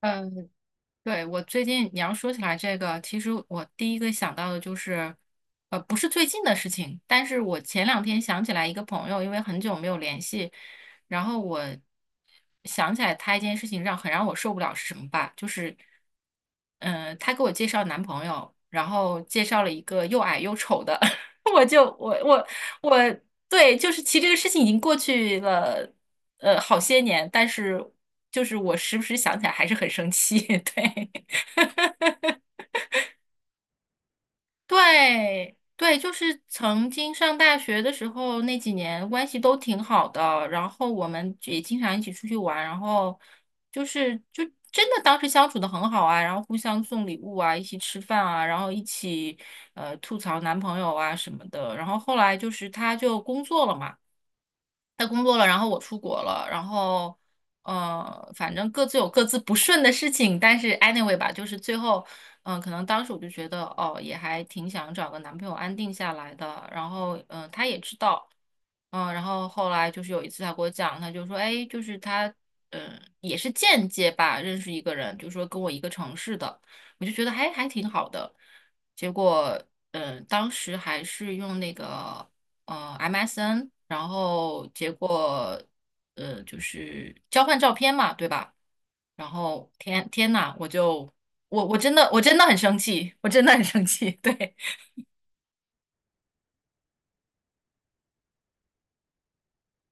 嗯，对，我最近你要说起来这个，其实我第一个想到的就是，不是最近的事情，但是我前两天想起来一个朋友，因为很久没有联系，然后我想起来他一件事情让让我受不了是什么吧？就是，嗯、他给我介绍男朋友，然后介绍了一个又矮又丑的，我就我我我对，就是其实这个事情已经过去了，好些年，但是。就是我时不时想起来还是很生气，对。对对，就是曾经上大学的时候那几年关系都挺好的，然后我们也经常一起出去玩，然后就是就真的当时相处的很好啊，然后互相送礼物啊，一起吃饭啊，然后一起吐槽男朋友啊什么的，然后后来就是他就工作了嘛。他工作了，然后我出国了，然后反正各自有各自不顺的事情，但是 anyway 吧，就是最后，嗯、可能当时我就觉得，哦，也还挺想找个男朋友安定下来的，然后，嗯、他也知道，嗯、然后后来就是有一次他给我讲，他就说，哎，就是他，嗯、也是间接吧认识一个人，就说跟我一个城市的，我就觉得还挺好的，结果，嗯、当时还是用那个。呃 MSN，然后结果就是交换照片嘛，对吧？然后天天呐，我真的很生气，我真的很生气。对，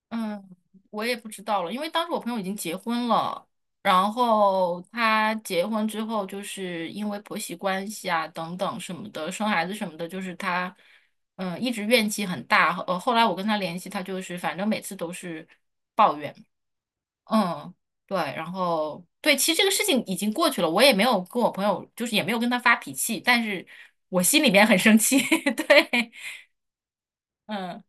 嗯，我也不知道了，因为当时我朋友已经结婚了，然后他结婚之后，就是因为婆媳关系啊等等什么的，生孩子什么的，就是他一直怨气很大。后来我跟他联系，他就是反正每次都是。抱怨。嗯，对，然后对，其实这个事情已经过去了，我也没有跟我朋友，就是也没有跟他发脾气，但是我心里面很生气。对，嗯，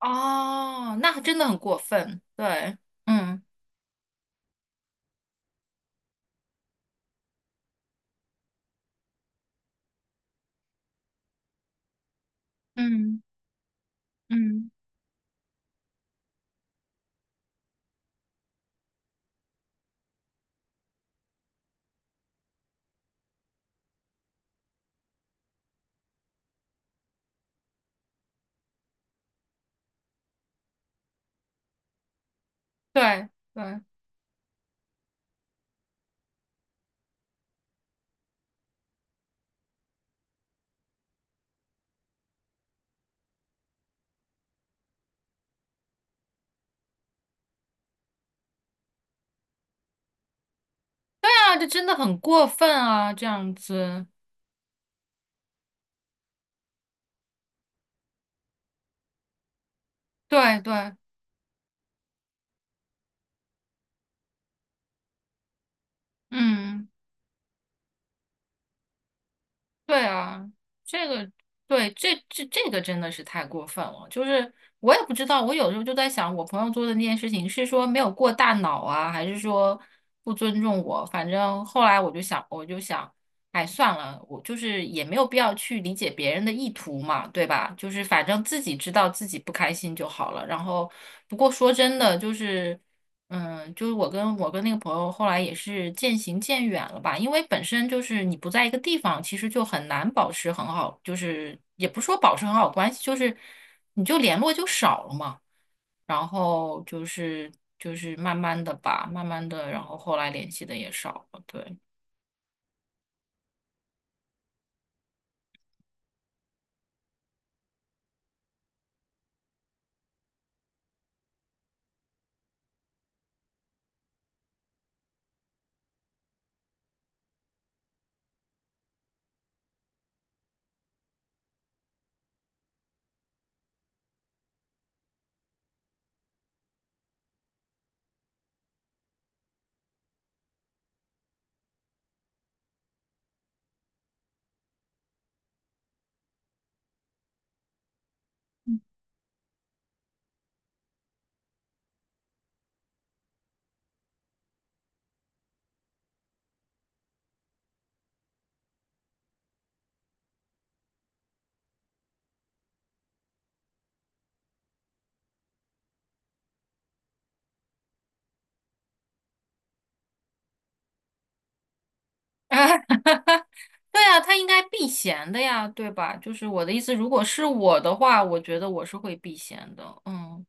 哦，那真的很过分。对，嗯嗯嗯，对对对啊，这真的很过分啊，这样子。对对，嗯。对啊，这个对这个真的是太过分了。就是我也不知道，我有时候就在想，我朋友做的那件事情是说没有过大脑啊，还是说不尊重我？反正后来我就想，我就想，哎，算了，我就是也没有必要去理解别人的意图嘛，对吧？就是反正自己知道自己不开心就好了。然后，不过说真的，就是。嗯，就是我跟那个朋友后来也是渐行渐远了吧，因为本身就是你不在一个地方，其实就很难保持很好，就是也不是说保持很好关系，就是你就联络就少了嘛。然后慢慢的吧，慢慢的，然后后来联系的也少了，对。对啊，他应该避嫌的呀，对吧？就是我的意思，如果是我的话，我觉得我是会避嫌的。嗯，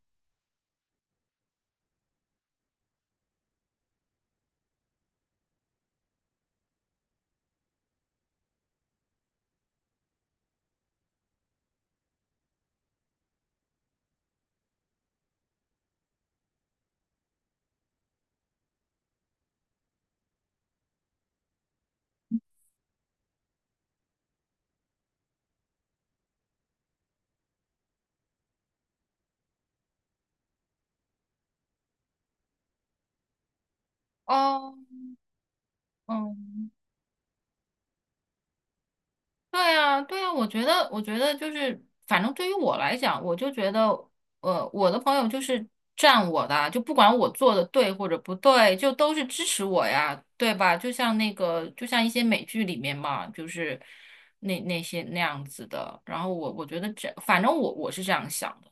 哦，嗯。对啊，对啊，我觉得，我觉得就是，反正对于我来讲，我就觉得，我的朋友就是站我的啊就不管我做的对或者不对，就都是支持我呀，对吧？就像那个，就像一些美剧里面嘛，就是那那些那样子的。然后我觉得这，反正我是这样想的。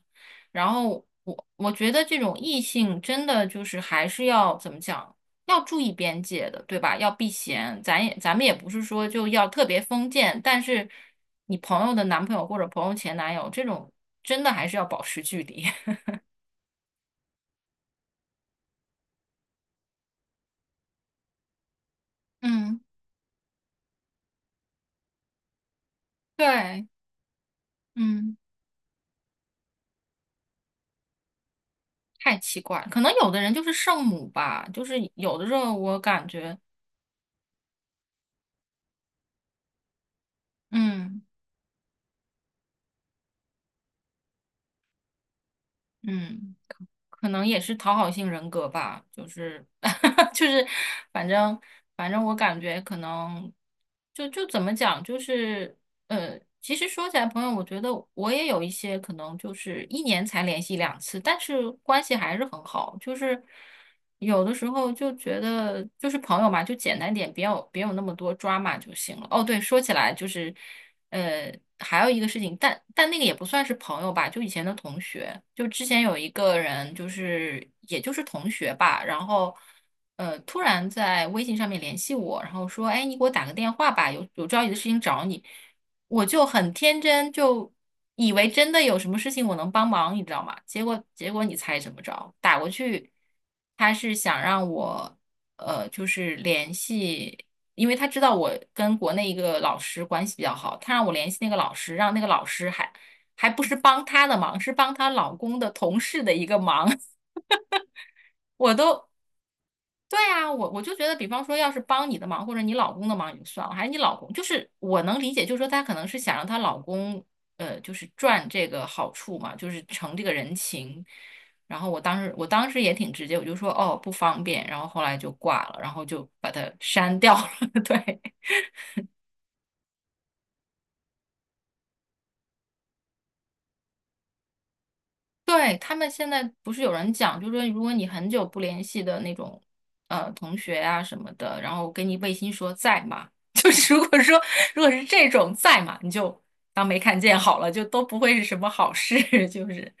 然后我觉得这种异性真的就是还是要怎么讲，要注意边界的，对吧？要避嫌，咱们也不是说就要特别封建，但是你朋友的男朋友或者朋友前男友这种，真的还是要保持距离。嗯，对，嗯，太奇怪了可能有的人就是圣母吧，就是有的时候我感觉，嗯嗯。可能也是讨好性人格吧，就是 就是，反正反正我感觉可能就怎么讲，就是其实说起来，朋友，我觉得我也有一些可能就是一年才联系两次，但是关系还是很好，就是有的时候就觉得就是朋友嘛，就简单点，别有那么多 drama 就行了。哦，对，说起来就是。呃，还有一个事情，但那个也不算是朋友吧，就以前的同学，就之前有一个人，就是也就是同学吧，然后突然在微信上面联系我，然后说，哎，你给我打个电话吧，有着急的事情找你，我就很天真，就以为真的有什么事情我能帮忙，你知道吗？结果你猜怎么着？打过去，他是想让我就是联系。因为他知道我跟国内一个老师关系比较好，他让我联系那个老师，让那个老师不是帮他的忙，是帮他老公的同事的一个忙，我都。对啊，我就觉得，比方说，要是帮你的忙或者你老公的忙也就算了，还是你老公，就是我能理解，就是说她可能是想让她老公，就是赚这个好处嘛，就是成这个人情。然后我当时也挺直接，我就说哦不方便，然后后来就挂了，然后就把它删掉了。对，对，他们现在不是有人讲，就是说如果你很久不联系的那种同学啊什么的，然后给你微信说在吗？就是如果说如果是这种在嘛，你就当没看见好了，就都不会是什么好事，就是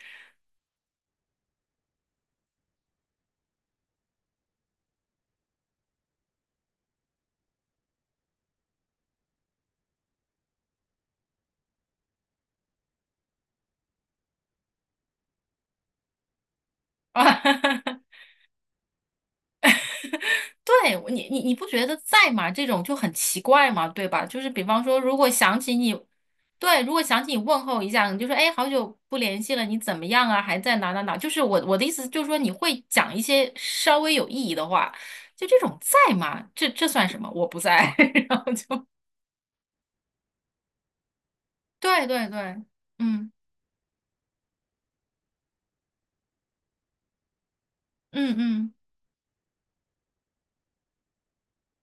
啊。对你，你不觉得在吗？这种就很奇怪嘛，对吧？就是比方说，如果想起你，对，如果想起你问候一下，你就说，哎，好久不联系了，你怎么样啊？还在哪哪哪？就是我的意思就是说，你会讲一些稍微有意义的话，就这种在吗？这这算什么？我不在，然后就 对对对，嗯嗯嗯。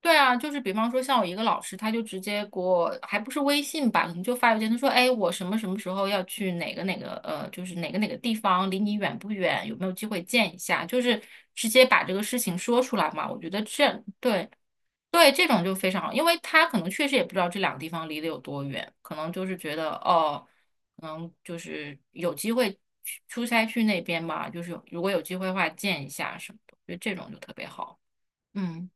对啊，就是比方说像我一个老师，他就直接给我，还不是微信吧，可能就发邮件，他说，哎，我什么什么时候要去哪个哪个，就是哪个哪个地方，离你远不远，有没有机会见一下，就是直接把这个事情说出来嘛。我觉得这对对这种就非常好，因为他可能确实也不知道这两个地方离得有多远，可能就是觉得哦，可能就是有机会去出差去那边嘛，就是如果有机会的话见一下什么的，我觉得这种就特别好。嗯。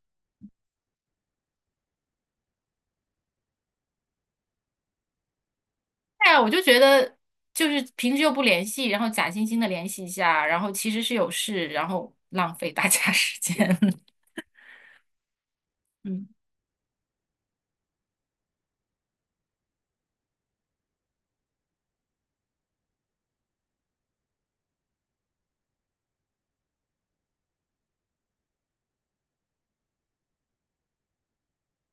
对呀，我就觉得就是平时又不联系，然后假惺惺的联系一下，然后其实是有事，然后浪费大家时间。嗯，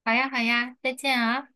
好呀，好呀，再见啊。